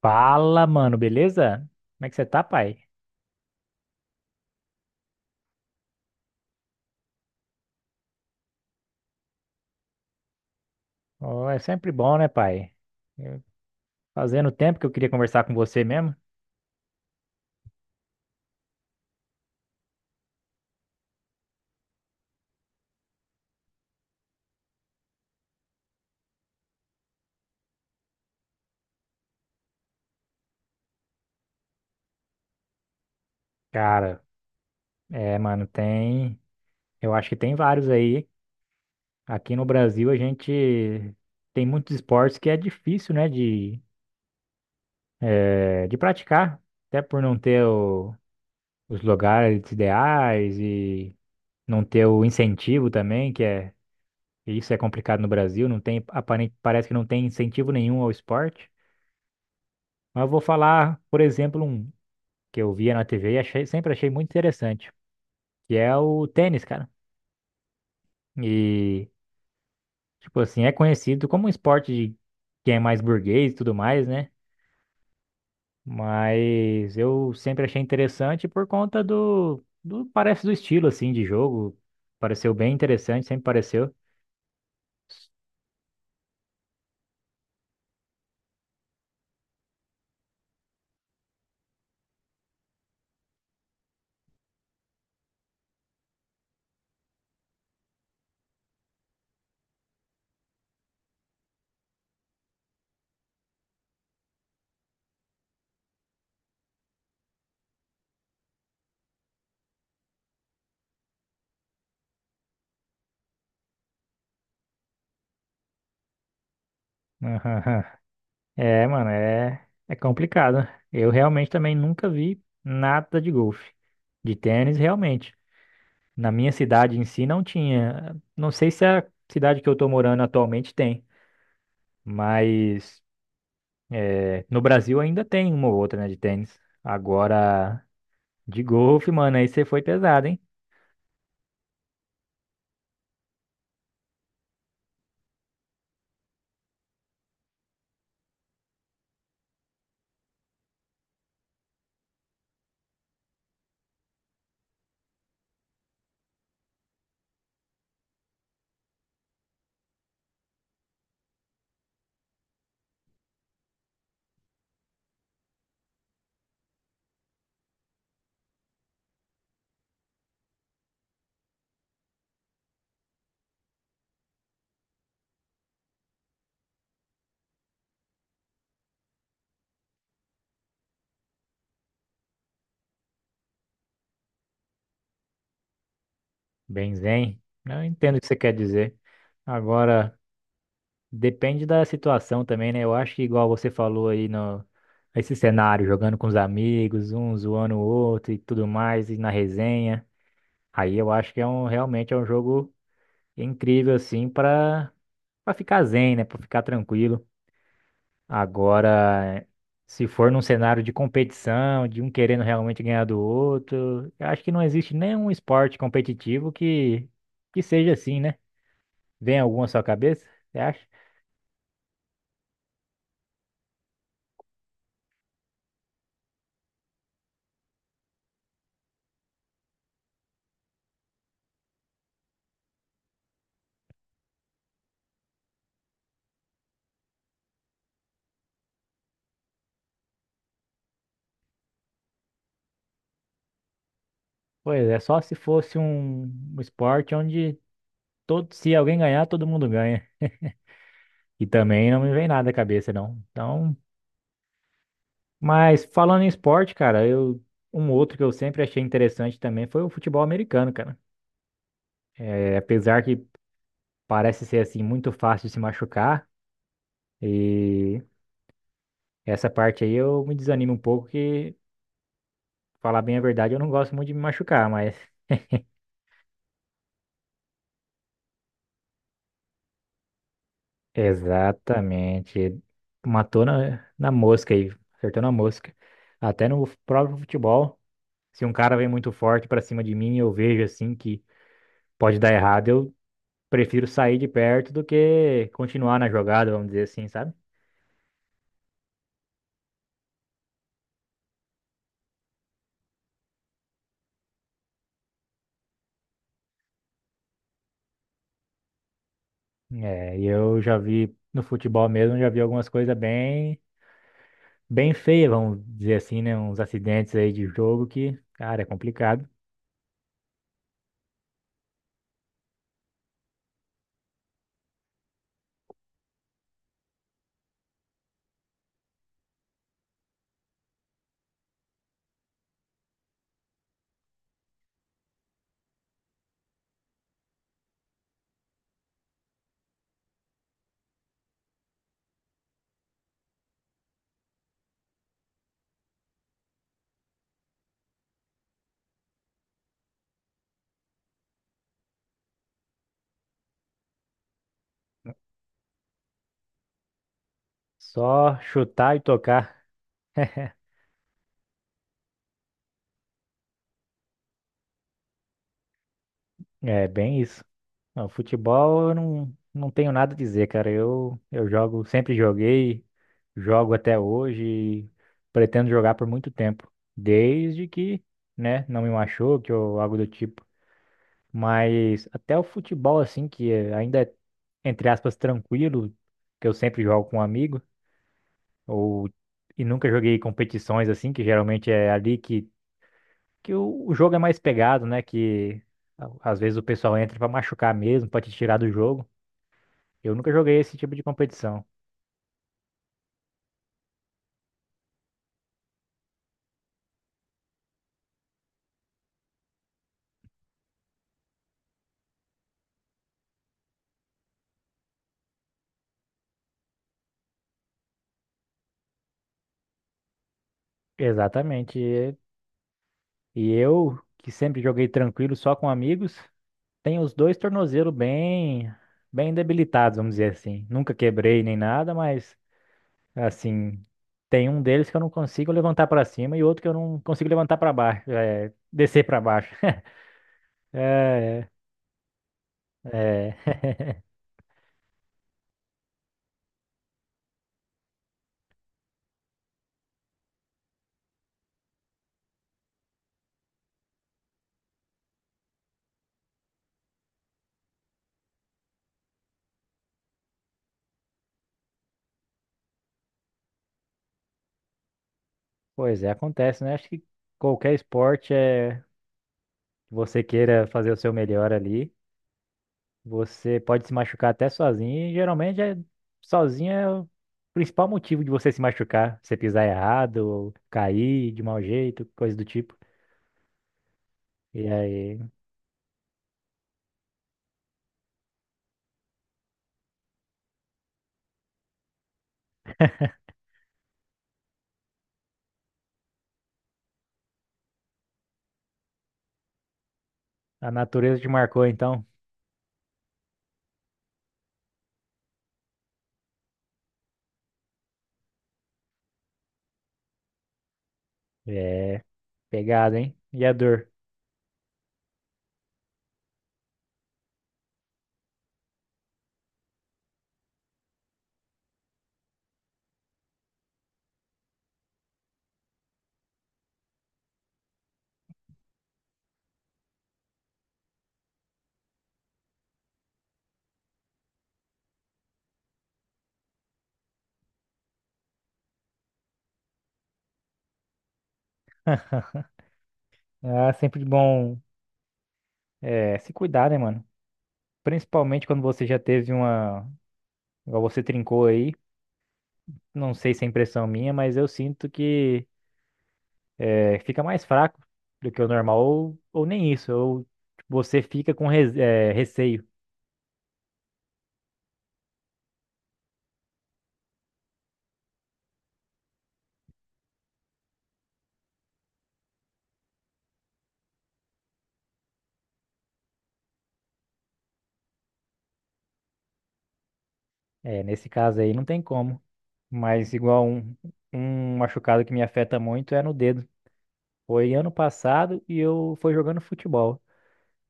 Fala, mano, beleza? Como é que você tá, pai? Ó, é sempre bom, né, pai? Eu- Fazendo tempo que eu queria conversar com você mesmo. Cara, mano, tem. Eu acho que tem vários aí. Aqui no Brasil a gente tem muitos esportes que é difícil, né, de praticar. Até por não ter os lugares ideais e não ter o incentivo também, que é. Isso é complicado no Brasil, não tem, aparente, parece que não tem incentivo nenhum ao esporte. Mas eu vou falar, por exemplo, um que eu via na TV e achei, sempre achei muito interessante, que é o tênis, cara. E, tipo assim, é conhecido como um esporte de quem é mais burguês e tudo mais, né? Mas eu sempre achei interessante por conta parece do estilo, assim, de jogo. Pareceu bem interessante, sempre pareceu. Aham. É, mano, é complicado. Eu realmente também nunca vi nada de golfe. De tênis, realmente. Na minha cidade em si não tinha. Não sei se a cidade que eu tô morando atualmente tem, mas é, no Brasil ainda tem uma ou outra, né, de tênis. Agora, de golfe, mano, aí você foi pesado, hein? Bem zen. Eu entendo o que você quer dizer. Agora, depende da situação também, né? Eu acho que igual você falou aí no esse cenário, jogando com os amigos, um zoando o outro e tudo mais, e na resenha. Aí eu acho que é um realmente é um jogo incrível assim para pra ficar zen, né? Pra ficar tranquilo. Agora, se for num cenário de competição, de um querendo realmente ganhar do outro, eu acho que não existe nenhum esporte competitivo que seja assim, né? Vem algum à sua cabeça? Você acha? Pois é, só se fosse um, um esporte onde todo, se alguém ganhar, todo mundo ganha. E também não me vem nada à cabeça, não. Então, mas falando em esporte, cara, eu, um outro que eu sempre achei interessante também foi o futebol americano, cara. É, apesar que parece ser assim muito fácil de se machucar e essa parte aí eu me desanimo um pouco que falar bem a verdade eu não gosto muito de me machucar, mas exatamente matou na mosca aí, acertou na mosca. Até no próprio futebol, se um cara vem muito forte pra cima de mim, eu vejo assim que pode dar errado, eu prefiro sair de perto do que continuar na jogada, vamos dizer assim, sabe? É, e eu já vi no futebol mesmo, já vi algumas coisas bem feia, vamos dizer assim, né? Uns acidentes aí de jogo que, cara, é complicado. Só chutar e tocar. É bem isso. Não, futebol eu não tenho nada a dizer, cara. Eu jogo, sempre joguei, jogo até hoje e pretendo jogar por muito tempo. Desde que, né, não me machuque ou algo do tipo. Mas até o futebol, assim, ainda é, entre aspas, tranquilo, que eu sempre jogo com um amigo. Ou E nunca joguei competições assim, que geralmente é ali que o jogo é mais pegado, né? Que às vezes o pessoal entra pra machucar mesmo, pra te tirar do jogo. Eu nunca joguei esse tipo de competição. Exatamente. E eu, que sempre joguei tranquilo, só com amigos, tenho os dois tornozelos bem, bem debilitados, vamos dizer assim. Nunca quebrei nem nada, mas assim, tem um deles que eu não consigo levantar pra cima e outro que eu não consigo levantar pra baixo, é, descer pra baixo. Pois é, acontece, né? Acho que qualquer esporte é que você queira fazer o seu melhor ali. Você pode se machucar até sozinho, e geralmente é sozinho, o principal motivo de você se machucar. Você pisar errado, ou cair de mau jeito, coisa do tipo. E aí, a natureza te marcou, então. É pegada, hein? E a dor? É sempre bom se cuidar, né, mano? Principalmente quando você já teve uma. Igual você trincou aí. Não sei se é impressão minha, mas eu sinto que. Fica mais fraco do que o normal, ou nem isso, ou você fica com receio. É, nesse caso aí não tem como. Mas igual um, um machucado que me afeta muito é no dedo. Foi ano passado e eu fui jogando futebol.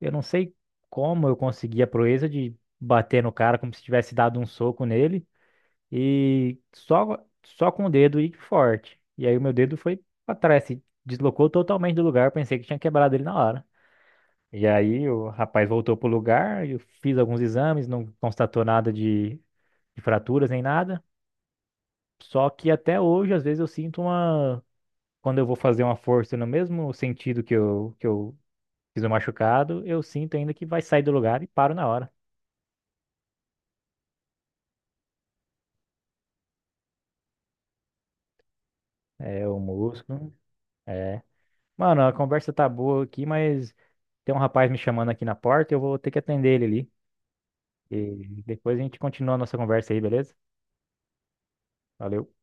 Eu não sei como eu consegui a proeza de bater no cara como se tivesse dado um soco nele e só, só com o dedo e forte. E aí o meu dedo foi pra trás, se deslocou totalmente do lugar. Eu pensei que tinha quebrado ele na hora. E aí o rapaz voltou pro lugar, eu fiz alguns exames, não constatou nada de, de fraturas nem nada. Só que até hoje, às vezes, eu sinto uma. Quando eu vou fazer uma força no mesmo sentido que eu fiz o machucado, eu sinto ainda que vai sair do lugar e paro na hora. É, o músculo. É. Mano, a conversa tá boa aqui, mas tem um rapaz me chamando aqui na porta, eu vou ter que atender ele ali. E depois a gente continua a nossa conversa aí, beleza? Valeu.